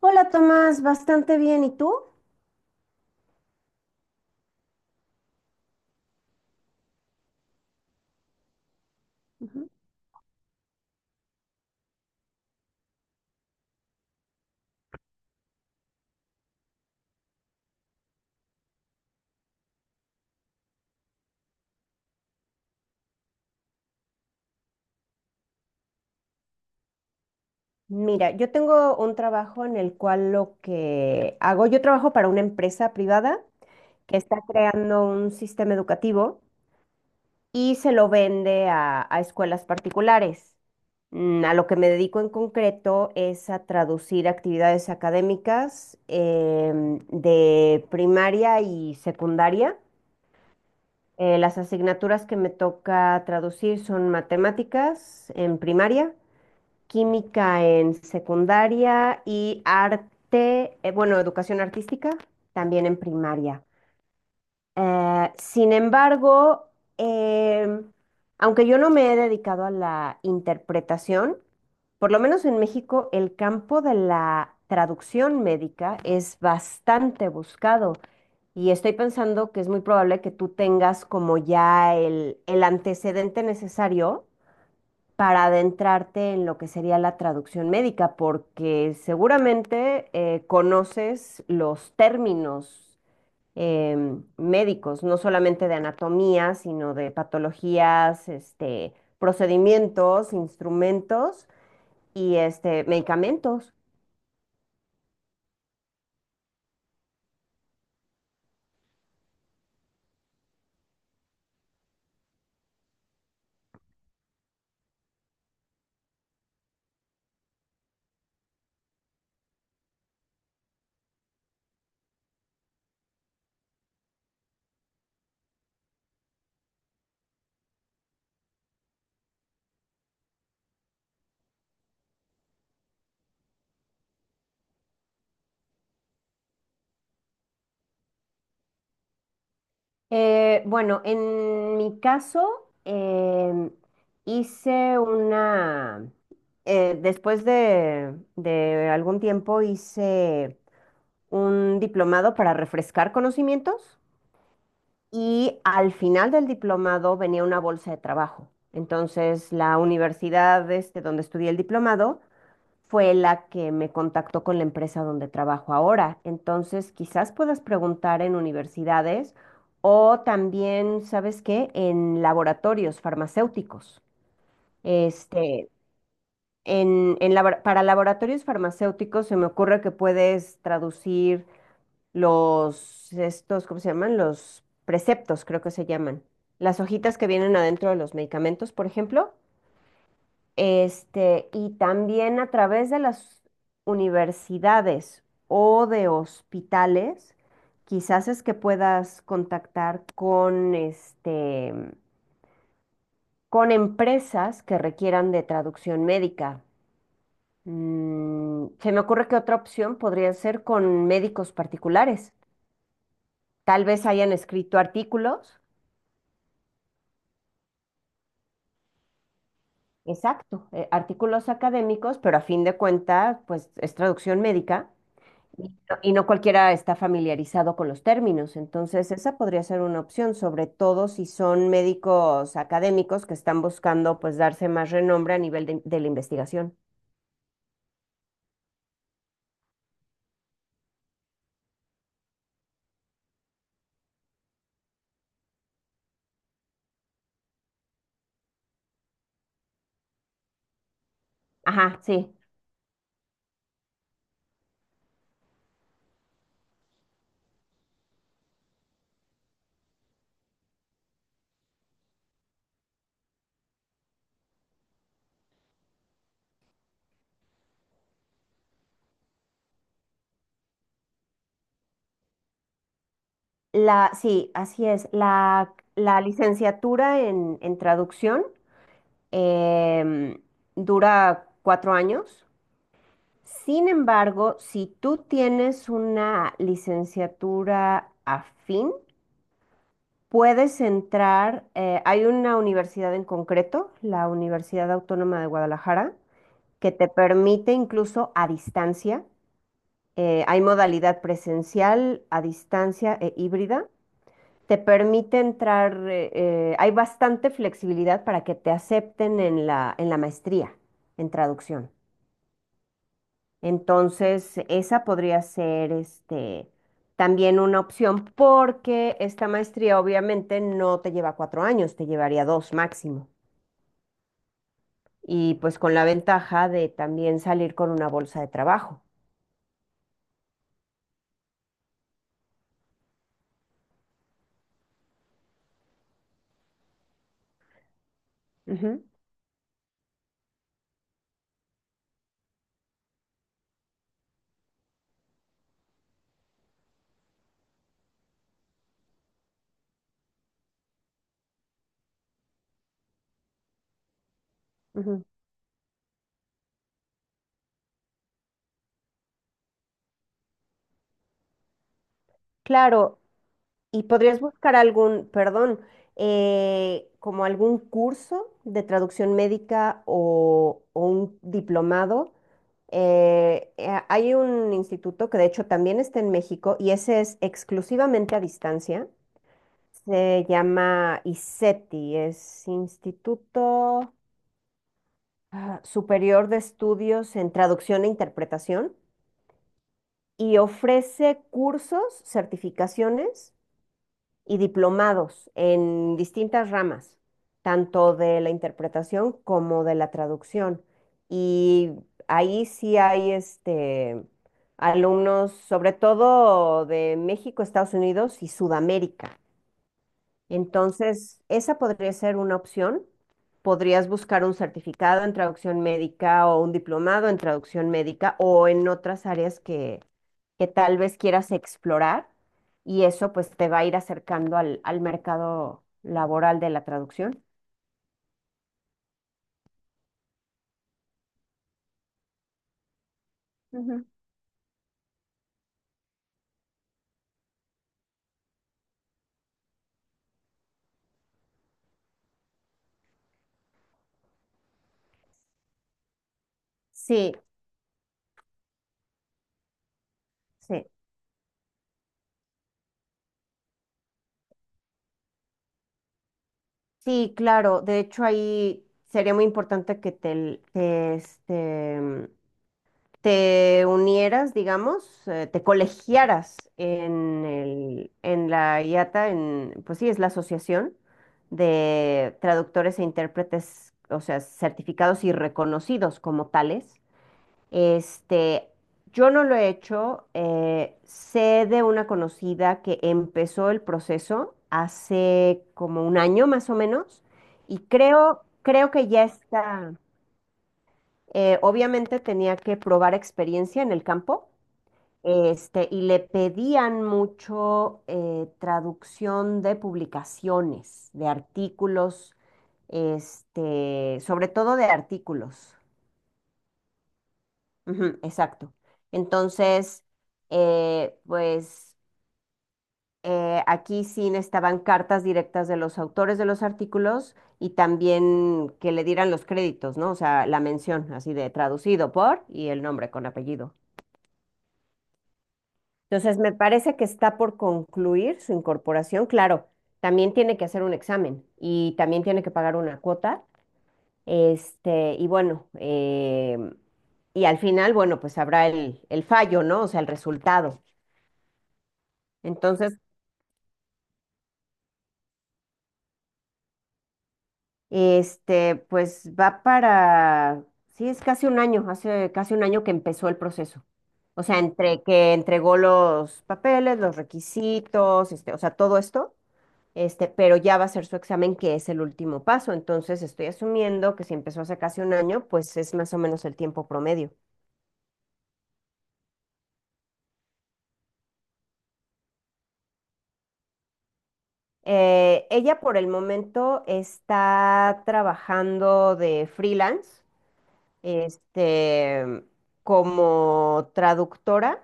Hola Tomás, bastante bien. ¿Y tú? Ujú. Mira, yo tengo un trabajo en el cual lo que hago, yo trabajo para una empresa privada que está creando un sistema educativo y se lo vende a escuelas particulares. A lo que me dedico en concreto es a traducir actividades académicas de primaria y secundaria. Las asignaturas que me toca traducir son matemáticas en primaria, química en secundaria y arte, bueno, educación artística también en primaria. Sin embargo, eh, aunque yo no me he dedicado a la interpretación, por lo menos en México el campo de la traducción médica es bastante buscado. Y estoy pensando que es muy probable que tú tengas como ya el antecedente necesario para adentrarte en lo que sería la traducción médica, porque seguramente conoces los términos médicos, no solamente de anatomía, sino de patologías, este, procedimientos, instrumentos y este, medicamentos. Bueno, en mi caso, hice después de algún tiempo, hice un diplomado para refrescar conocimientos y al final del diplomado venía una bolsa de trabajo. Entonces, la universidad este, donde estudié el diplomado fue la que me contactó con la empresa donde trabajo ahora. Entonces, quizás puedas preguntar en universidades o también, ¿sabes qué? En laboratorios farmacéuticos. Este, para laboratorios farmacéuticos se me ocurre que puedes traducir los, estos, ¿cómo se llaman? Los preceptos, creo que se llaman. Las hojitas que vienen adentro de los medicamentos, por ejemplo. Este, y también a través de las universidades o de hospitales, quizás es que puedas contactar con este, con empresas que requieran de traducción médica. Se me ocurre que otra opción podría ser con médicos particulares. Tal vez hayan escrito artículos. Exacto, artículos académicos, pero a fin de cuentas, pues es traducción médica y no cualquiera está familiarizado con los términos. Entonces, esa podría ser una opción, sobre todo si son médicos académicos que están buscando pues darse más renombre a nivel de la investigación. Ajá, sí. Sí, así es. La licenciatura en traducción em, dura cuatro años. Sin embargo, si tú tienes una licenciatura afín, puedes entrar. Eh, hay una universidad en concreto, la Universidad Autónoma de Guadalajara, que te permite incluso a distancia. Eh, hay modalidad presencial, a distancia e híbrida. Te permite entrar, hay bastante flexibilidad para que te acepten en la maestría en traducción. Entonces, esa podría ser este, también una opción porque esta maestría obviamente no te lleva cuatro años, te llevaría dos máximo. Y pues con la ventaja de también salir con una bolsa de trabajo. Ujú, ujú. Claro, y podrías buscar perdón, como algún curso de traducción médica o un diplomado. Hay un instituto que de hecho también está en México y ese es exclusivamente a distancia. Se llama ISETI, es Instituto Superior de Estudios en Traducción e Interpretación y ofrece cursos, certificaciones y diplomados en distintas ramas, tanto de la interpretación como de la traducción. Y ahí sí hay este, alumnos, sobre todo de México, Estados Unidos y Sudamérica. Entonces, esa podría ser una opción. Podrías buscar un certificado en traducción médica o un diplomado en traducción médica o en otras áreas que tal vez quieras explorar y eso pues te va a ir acercando al mercado laboral de la traducción. Ujú. Sí, sí, sí, claro. De hecho, ahí sería muy importante que te unieras, digamos, te colegiaras en el, en la IATA, pues sí, es la asociación de traductores e intérpretes, o sea, certificados y reconocidos como tales. Este, yo no lo he hecho. Eh, sé de una conocida que empezó el proceso hace como un año más o menos y creo que ya está. Obviamente tenía que probar experiencia en el campo. Este, y le pedían mucho traducción de publicaciones, de artículos, este, sobre todo de artículos. Ujú, exacto. Entonces, pues aquí sí estaban cartas directas de los autores de los artículos y también que le dieran los créditos, ¿no? O sea, la mención así de traducido por y el nombre con apellido. Entonces, me parece que está por concluir su incorporación. Claro, también tiene que hacer un examen y también tiene que pagar una cuota. Este, y bueno, y al final, bueno, pues habrá el fallo, ¿no? O sea, el resultado. Entonces, este, pues va para, sí, es casi un año, hace casi un año que empezó el proceso. O sea, entre que entregó los papeles, los requisitos, este, o sea, todo esto, este, pero ya va a ser su examen, que es el último paso. Entonces, estoy asumiendo que si empezó hace casi un año, pues es más o menos el tiempo promedio. Ella por el momento está trabajando de freelance, este, como traductora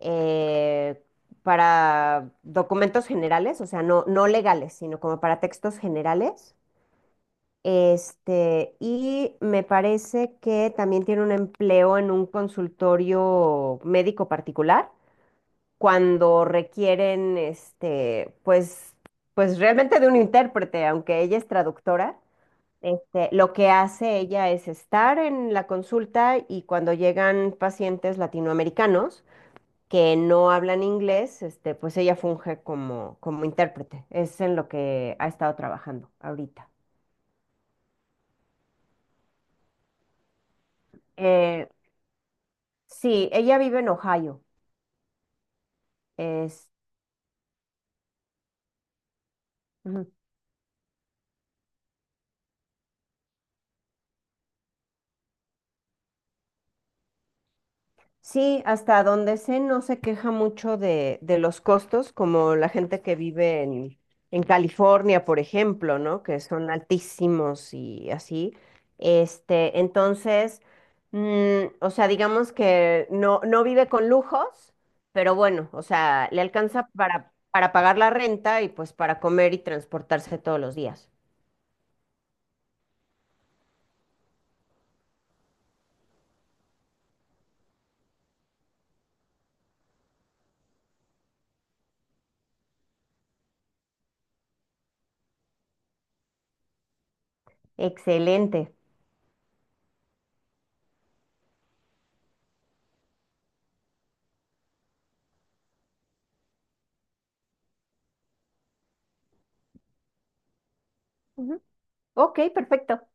eh, para documentos generales, o sea, no, no legales, sino como para textos generales. Este, y me parece que también tiene un empleo en un consultorio médico particular cuando requieren, este, pues realmente de un intérprete, aunque ella es traductora. Este, lo que hace ella es estar en la consulta y cuando llegan pacientes latinoamericanos que no hablan inglés, este, pues ella funge como intérprete. Es en lo que ha estado trabajando ahorita. Eh, Sí, ella vive en Ohio. Es, Ujú. Sí, hasta donde sé, no se queja mucho de los costos, como la gente que vive en California, por ejemplo, ¿no? Que son altísimos y así. Este, entonces, o sea, digamos que no, no vive con lujos, pero bueno, o sea, le alcanza para pagar la renta y pues para comer y transportarse todos los días. Excelente. Ujú. Ok, perfecto.